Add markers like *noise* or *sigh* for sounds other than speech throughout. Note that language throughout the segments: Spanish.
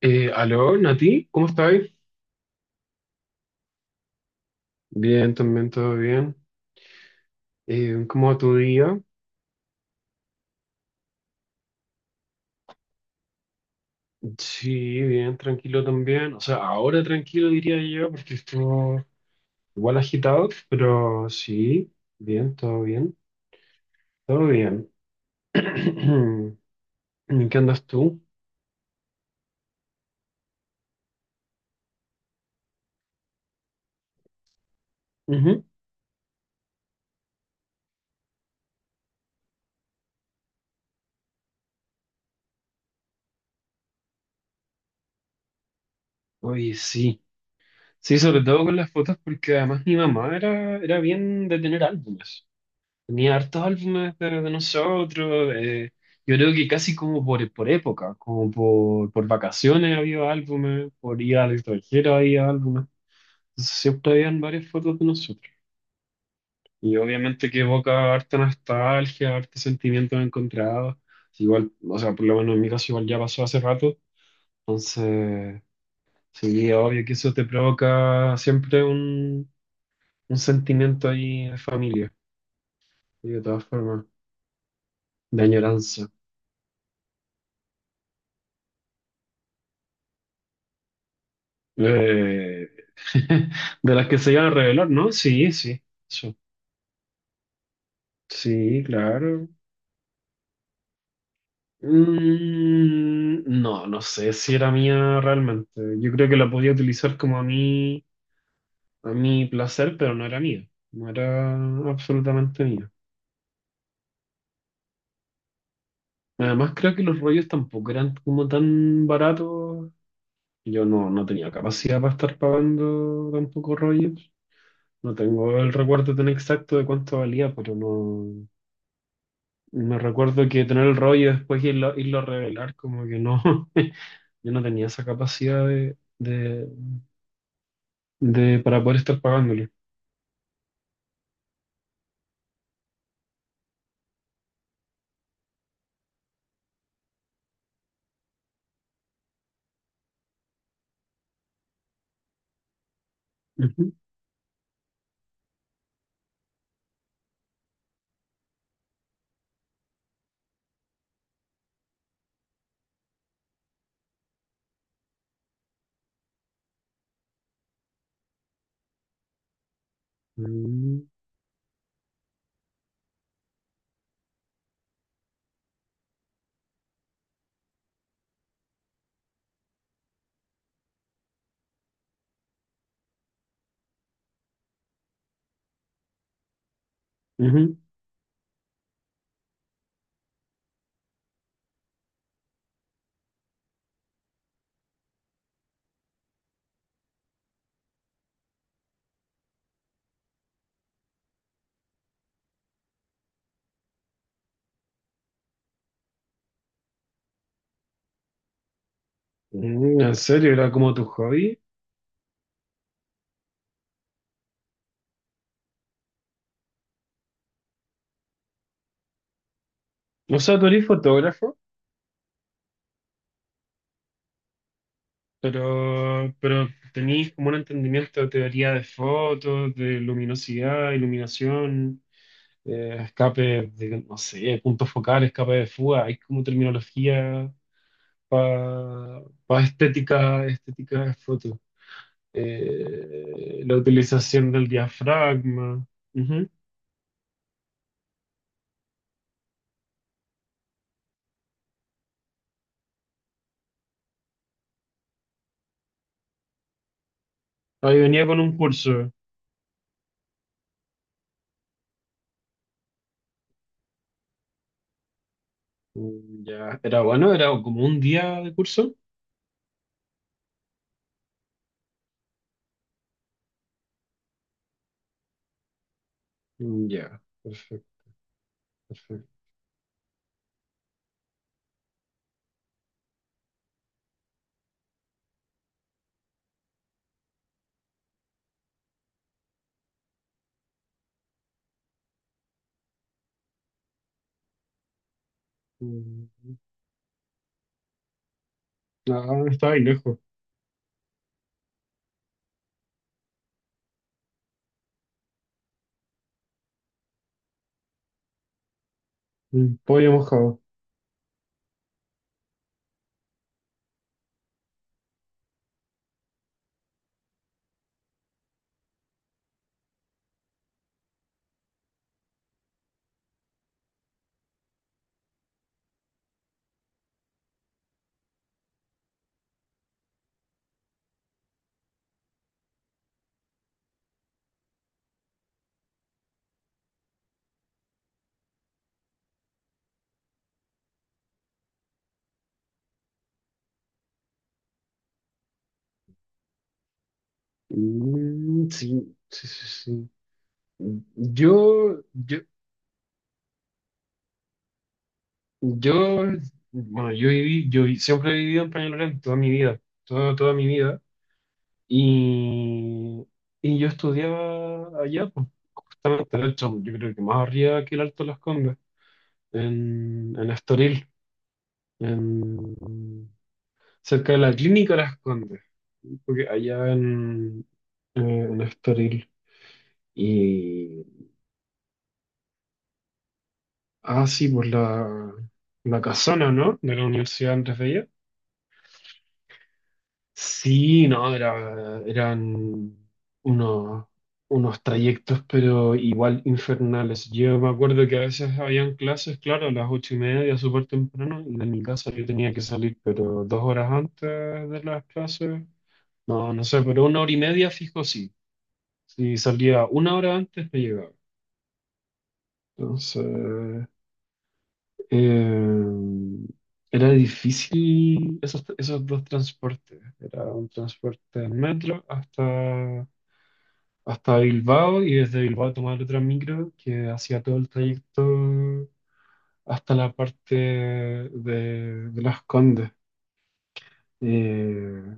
Aló, Nati, ¿cómo estáis? Bien, también todo bien. ¿Cómo va tu día? Sí, bien, tranquilo también. O sea, ahora tranquilo diría yo, porque estuvo igual agitado, pero sí, bien, todo bien, todo bien. *clears throat* ¿En qué andas tú? Ujú. Oye, sí. Sí, sobre todo con las fotos, porque además mi mamá era bien de tener álbumes. Tenía hartos álbumes de nosotros. Yo creo que casi como por época, como por vacaciones había álbumes, por ir al extranjero había álbumes. Entonces, siempre habían varias fotos de nosotros. Y obviamente que evoca harta nostalgia, hartos sentimientos encontrados. Igual, o sea, por lo menos en mi caso igual ya pasó hace rato. Entonces, sí, obvio que eso te provoca siempre un sentimiento ahí de familia, y de todas formas, de añoranza. Eh, *laughs* de las que se iban a revelar, ¿no? Sí, sí, eso sí, claro. No sé si era mía realmente. Yo creo que la podía utilizar como a mi placer, pero no era mía. No era absolutamente mía. Además, creo que los rollos tampoco eran como tan baratos. Yo no tenía capacidad para estar pagando tampoco rollos. No tengo el recuerdo tan exacto de cuánto valía, pero no. Me recuerdo que tener el rollo y después irlo a revelar, como que no, *laughs* yo no tenía esa capacidad para poder estar pagándolo. Ujú. Mm, ujú. Mm, ¿en serio? ¿Era como tu hobby? O sea, tú eres fotógrafo, pero tenías como un entendimiento de teoría de fotos, de luminosidad, iluminación, escape de, no sé, punto focal, escape de fuga, hay como terminología para estética, estética de foto. La utilización del diafragma. Ujú. Ahí venía con un curso. Mm, ya, era bueno, era como un día de curso. Mm, ya, perfecto, perfecto. Mm, ah, estaba ahí lejos. Mm, pollo mojado. Mm, sí, sí, sí, sí. Yo, yo, yo, bueno, yo viví, yo vi- siempre he vivido en Peñalolén toda mi vida, toda, toda mi vida. Y, y yo estudiaba allá, pues, justamente, de hecho, yo creo que más arriba que el Alto de Las Condes, en Estoril, en- cerca de la clínica Las Condes, porque allá eh, en Estoril. Y, ah, sí, pues la casona, ¿no? De la Universidad Andrés Bello. Sí, no, era, eran unos, unos trayectos, pero igual infernales. Yo me acuerdo que a veces habían clases, claro, a las ocho y media, súper temprano, y de mi casa yo tenía que salir, pero dos horas antes de las clases, no, no sé, pero una hora y media fijo sí. Si salía una hora antes, me llegaba. Entonces, eh, era difícil esos dos transportes. Era un transporte en metro hasta Bilbao y desde Bilbao tomar otra micro que hacía todo el trayecto hasta la parte de Las Condes. Eh,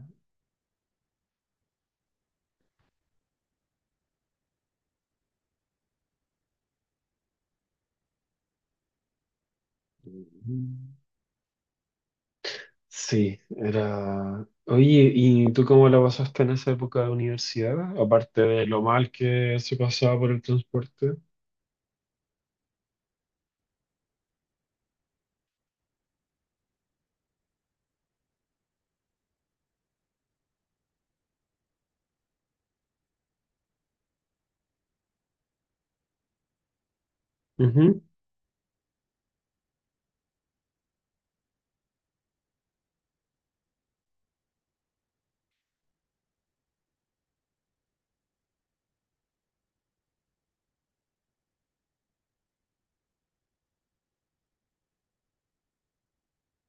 sí, era... Oye, ¿y tú cómo la pasaste en esa época de universidad? Aparte de lo mal que se pasaba por el transporte. Ujú.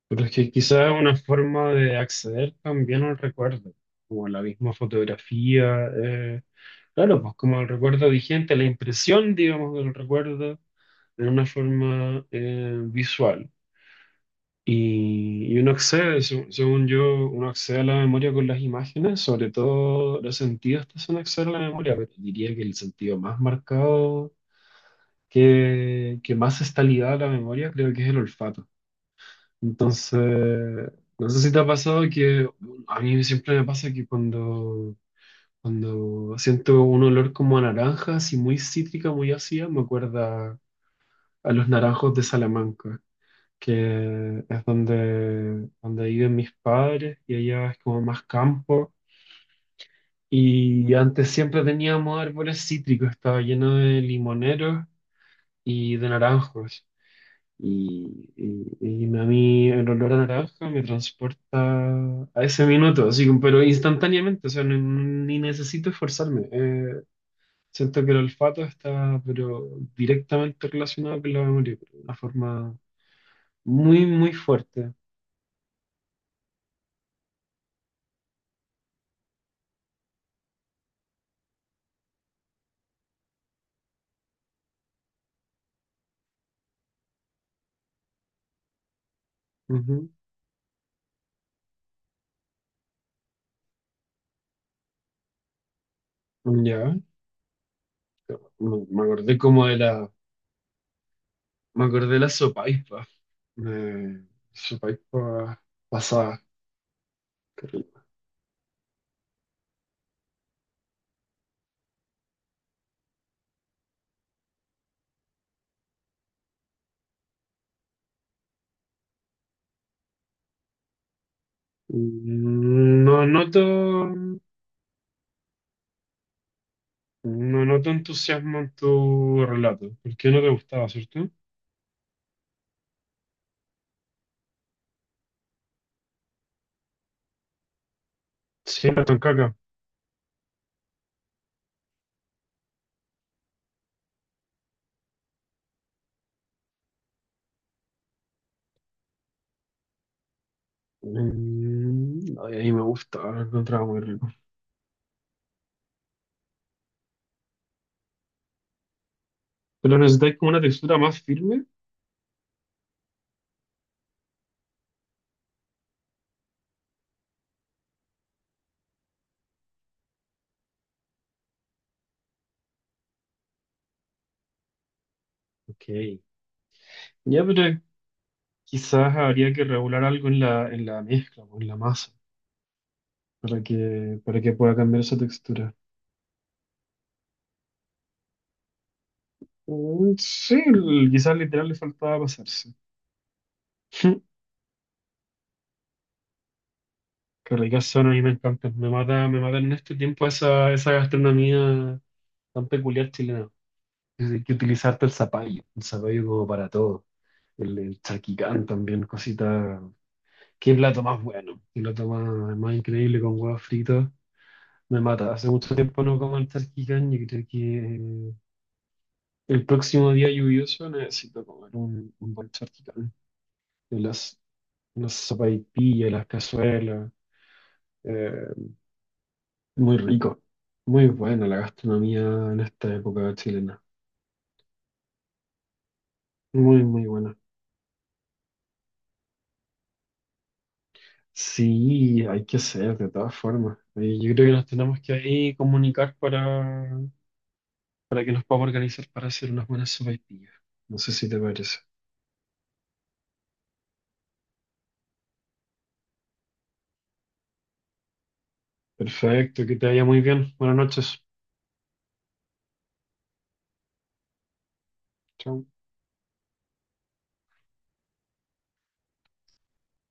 Pero es que quizás es una forma de acceder también al recuerdo, como la misma fotografía. Claro, pues como el recuerdo vigente, la impresión, digamos, del recuerdo de una forma visual. Y uno accede, según yo, uno accede a la memoria con las imágenes, sobre todo los sentidos te hacen acceder a la memoria, pero diría que el sentido más marcado, que más está ligado a la memoria, creo que es el olfato. Entonces, no sé si te ha pasado que a mí siempre me pasa que cuando siento un olor como a naranja, así muy cítrica, muy ácida, me acuerda a los naranjos de Salamanca, que es donde viven mis padres y allá es como más campo. Y antes siempre teníamos árboles cítricos, estaba lleno de limoneros y de naranjos. Y, y- y a mí el olor a naranja me transporta a ese minuto, así, como- pero instantáneamente, o sea, ni necesito esforzarme. Siento que el olfato está, pero directamente relacionado con la memoria, pero de una forma muy, muy fuerte. Ujú. Ya, me acordé como de me acordé de la sopaippa, de sopaippa pasada. Qué rico. No noto, no noto entusiasmo en tu relato, porque no te gustaba, ¿cierto? Sí, la toncaca. Mm, ay, a mí me gusta, lo encontraba muy rico. ¿Pero necesitáis como una textura más firme? Ok, ya, pero quizás habría que regular algo en en la mezcla o en la masa para para que pueda cambiar esa textura. Mm, sí, quizás literal le faltaba pasarse. *laughs* Qué ricas son, a mí me encantan. Me mata en este tiempo esa gastronomía tan peculiar chilena. Es- hay que utilizarte el zapallo como para todo. El charquicán también, cosita. Qué plato más bueno, qué plato más, más increíble con huevos fritos. Me mata. Hace mucho tiempo no como el charquicán y creo que eh, el próximo día lluvioso necesito comer un buen charquicán. De las sopaipillas, las cazuelas. eh, Muy rico. Muy buena la gastronomía en esta época chilena. Muy, muy buena. Sí, hay que hacer de todas formas. Y yo creo que nos tenemos que ahí comunicar para que nos podamos organizar para hacer unas buenas sopaipillas. No sé si te parece. Perfecto, que te vaya muy bien. Buenas noches. Chao.